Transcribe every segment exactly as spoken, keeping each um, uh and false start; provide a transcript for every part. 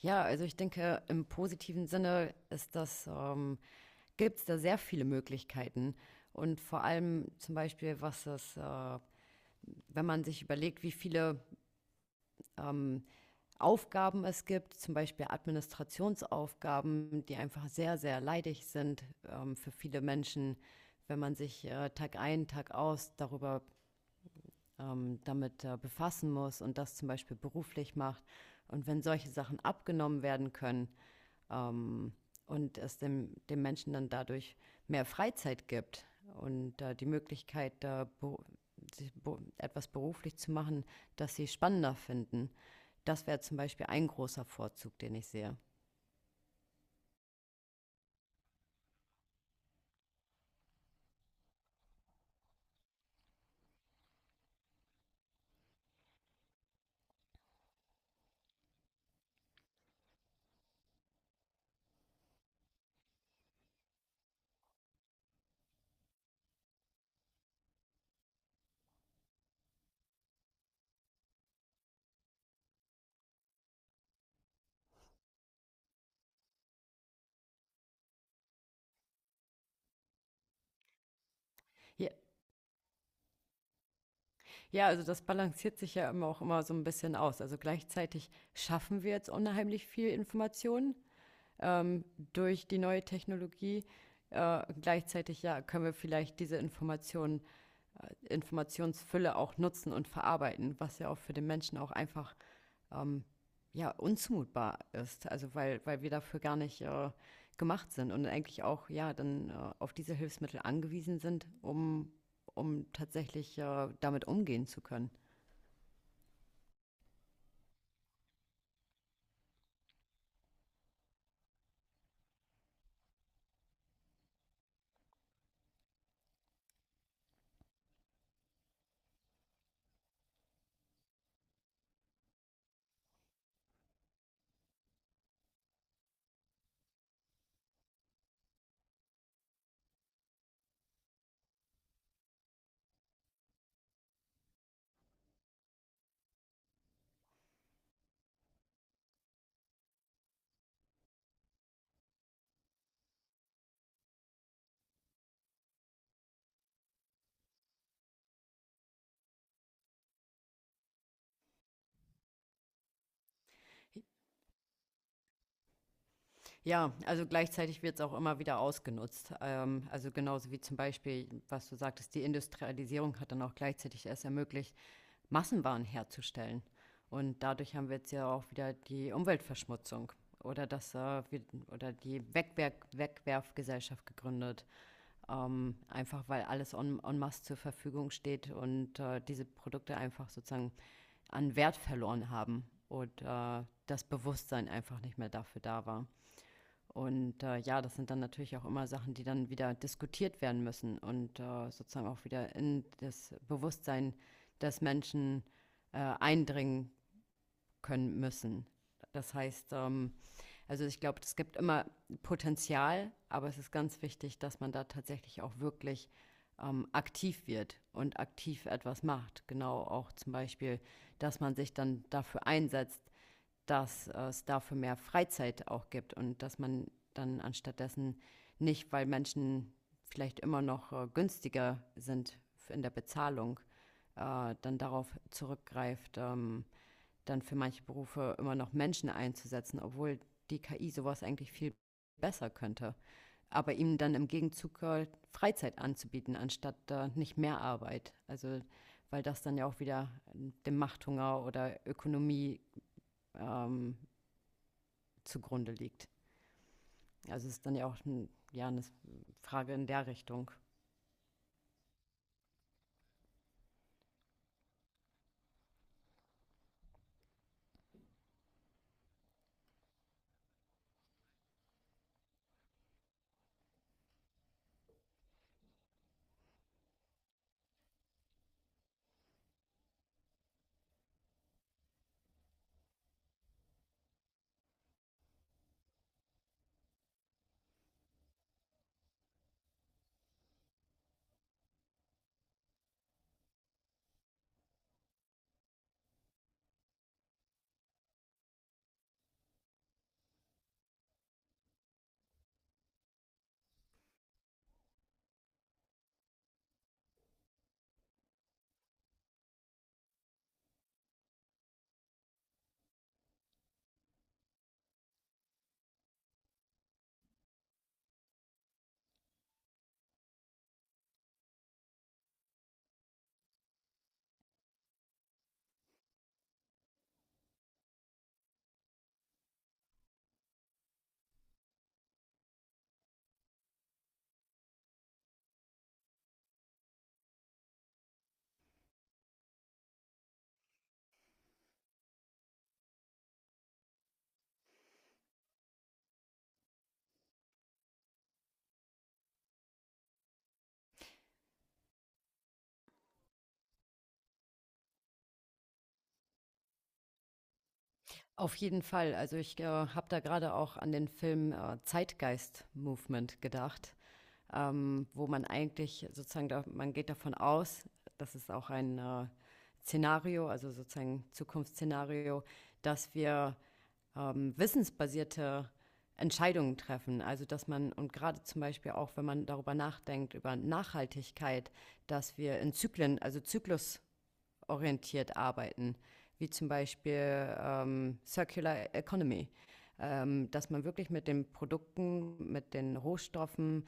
Ja, also ich denke, im positiven Sinne ist das, ähm, gibt es da sehr viele Möglichkeiten. Und vor allem zum Beispiel, was es, äh, wenn man sich überlegt, wie viele ähm, Aufgaben es gibt, zum Beispiel Administrationsaufgaben, die einfach sehr, sehr leidig sind ähm, für viele Menschen, wenn man sich äh, Tag ein, Tag aus darüber ähm, damit äh, befassen muss und das zum Beispiel beruflich macht. Und wenn solche Sachen abgenommen werden können, ähm, und es dem, dem Menschen dann dadurch mehr Freizeit gibt und äh, die Möglichkeit, da be sich be etwas beruflich zu machen, das sie spannender finden. Das wäre zum Beispiel ein großer Vorzug, den ich sehe. Ja, ja, also das balanciert sich ja immer auch immer so ein bisschen aus. Also gleichzeitig schaffen wir jetzt unheimlich viel Information ähm, durch die neue Technologie. Äh, gleichzeitig ja, können wir vielleicht diese Informationen Informationsfülle auch nutzen und verarbeiten, was ja auch für den Menschen auch einfach ja unzumutbar ist. Also weil, weil wir dafür gar nicht äh, gemacht sind und eigentlich auch ja dann äh, auf diese Hilfsmittel angewiesen sind, um, um tatsächlich äh, damit umgehen zu können. Ja, also gleichzeitig wird es auch immer wieder ausgenutzt. Ähm, also genauso wie zum Beispiel, was du sagtest, die Industrialisierung hat dann auch gleichzeitig erst ermöglicht, Massenwaren herzustellen. Und dadurch haben wir jetzt ja auch wieder die Umweltverschmutzung oder das äh, wir, oder die Wegwer Wegwerfgesellschaft gegründet, ähm, einfach weil alles en, en masse zur Verfügung steht und äh, diese Produkte einfach sozusagen an Wert verloren haben und äh, das Bewusstsein einfach nicht mehr dafür da war. Und, äh, ja, das sind dann natürlich auch immer Sachen, die dann wieder diskutiert werden müssen und, äh, sozusagen auch wieder in das Bewusstsein des Menschen, äh, eindringen können müssen. Das heißt, ähm, also ich glaube, es gibt immer Potenzial, aber es ist ganz wichtig, dass man da tatsächlich auch wirklich, ähm, aktiv wird und aktiv etwas macht. Genau, auch zum Beispiel, dass man sich dann dafür einsetzt, dass äh, es dafür mehr Freizeit auch gibt und dass man dann anstattdessen nicht, weil Menschen vielleicht immer noch äh, günstiger sind in der Bezahlung, äh, dann darauf zurückgreift, ähm, dann für manche Berufe immer noch Menschen einzusetzen, obwohl die K I sowas eigentlich viel besser könnte. Aber ihm dann im Gegenzug äh, Freizeit anzubieten, anstatt äh, nicht mehr Arbeit. Also weil das dann ja auch wieder äh, dem Machthunger oder Ökonomie ähm, zugrunde liegt. Also es ist dann ja auch ein, ja, eine Frage in der Richtung. Auf jeden Fall. Also ich äh, habe da gerade auch an den Film äh, Zeitgeist Movement gedacht, ähm, wo man eigentlich sozusagen, da, man geht davon aus, das ist auch ein äh, Szenario, also sozusagen Zukunftsszenario, dass wir ähm, wissensbasierte Entscheidungen treffen. Also dass man, und gerade zum Beispiel auch, wenn man darüber nachdenkt, über Nachhaltigkeit, dass wir in Zyklen, also Zyklus, orientiert arbeiten, wie zum Beispiel ähm, Circular Economy, ähm, dass man wirklich mit den Produkten, mit den Rohstoffen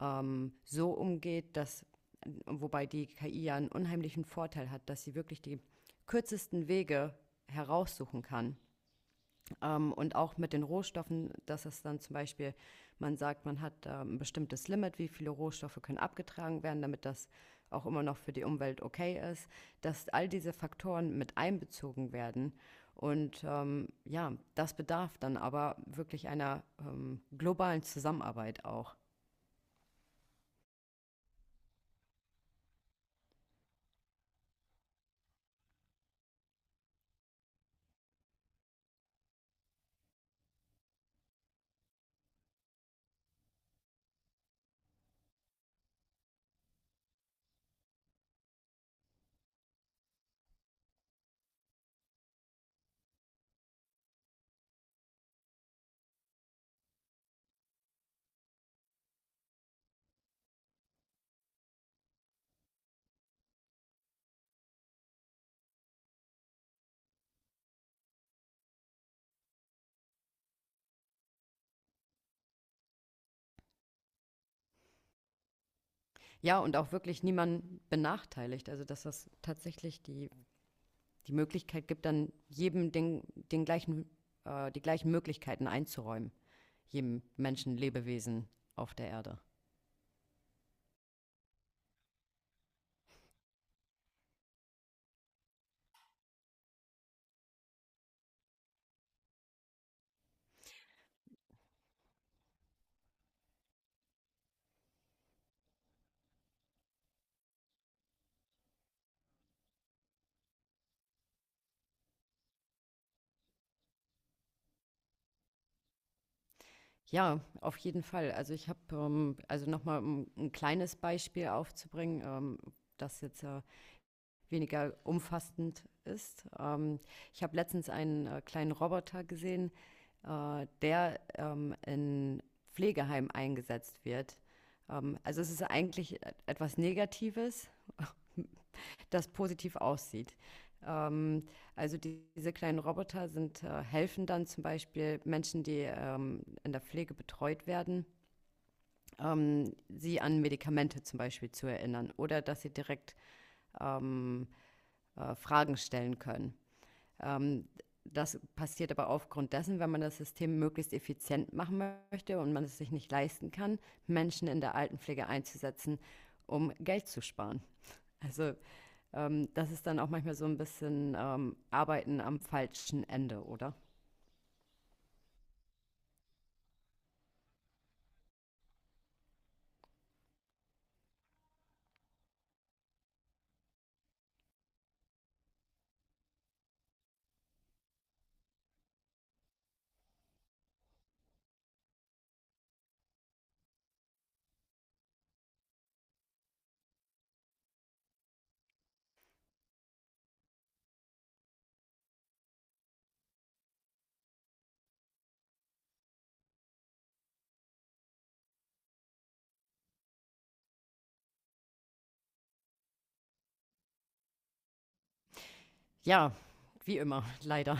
ähm, so umgeht, dass wobei die K I ja einen unheimlichen Vorteil hat, dass sie wirklich die kürzesten Wege heraussuchen kann ähm, und auch mit den Rohstoffen, dass es dann zum Beispiel, man sagt, man hat äh, ein bestimmtes Limit, wie viele Rohstoffe können abgetragen werden, damit das auch immer noch für die Umwelt okay ist, dass all diese Faktoren mit einbezogen werden. Und ähm, ja, das bedarf dann aber wirklich einer ähm, globalen Zusammenarbeit auch. Ja, und auch wirklich niemanden benachteiligt. Also, dass das tatsächlich die, die Möglichkeit gibt, dann jedem den, den gleichen, äh, die gleichen Möglichkeiten einzuräumen. Jedem Menschen, Lebewesen auf der Erde. Ja, auf jeden Fall. Also ich habe, ähm, also nochmal um ein kleines Beispiel aufzubringen, ähm, das jetzt äh, weniger umfassend ist. Ähm, ich habe letztens einen äh, kleinen Roboter gesehen, äh, der ähm, in Pflegeheim eingesetzt wird. Ähm, also es ist eigentlich e-, etwas Negatives, das positiv aussieht. Ähm, also die, diese kleinen Roboter sind, äh, helfen dann zum Beispiel Menschen, die ähm, in der Pflege betreut werden, ähm, sie an Medikamente zum Beispiel zu erinnern oder dass sie direkt ähm, äh, Fragen stellen können. Ähm, Das passiert aber aufgrund dessen, wenn man das System möglichst effizient machen möchte und man es sich nicht leisten kann, Menschen in der Altenpflege einzusetzen, um Geld zu sparen. Also ähm, das ist dann auch manchmal so ein bisschen, ähm, Arbeiten am falschen Ende, oder? Ja, wie immer, leider.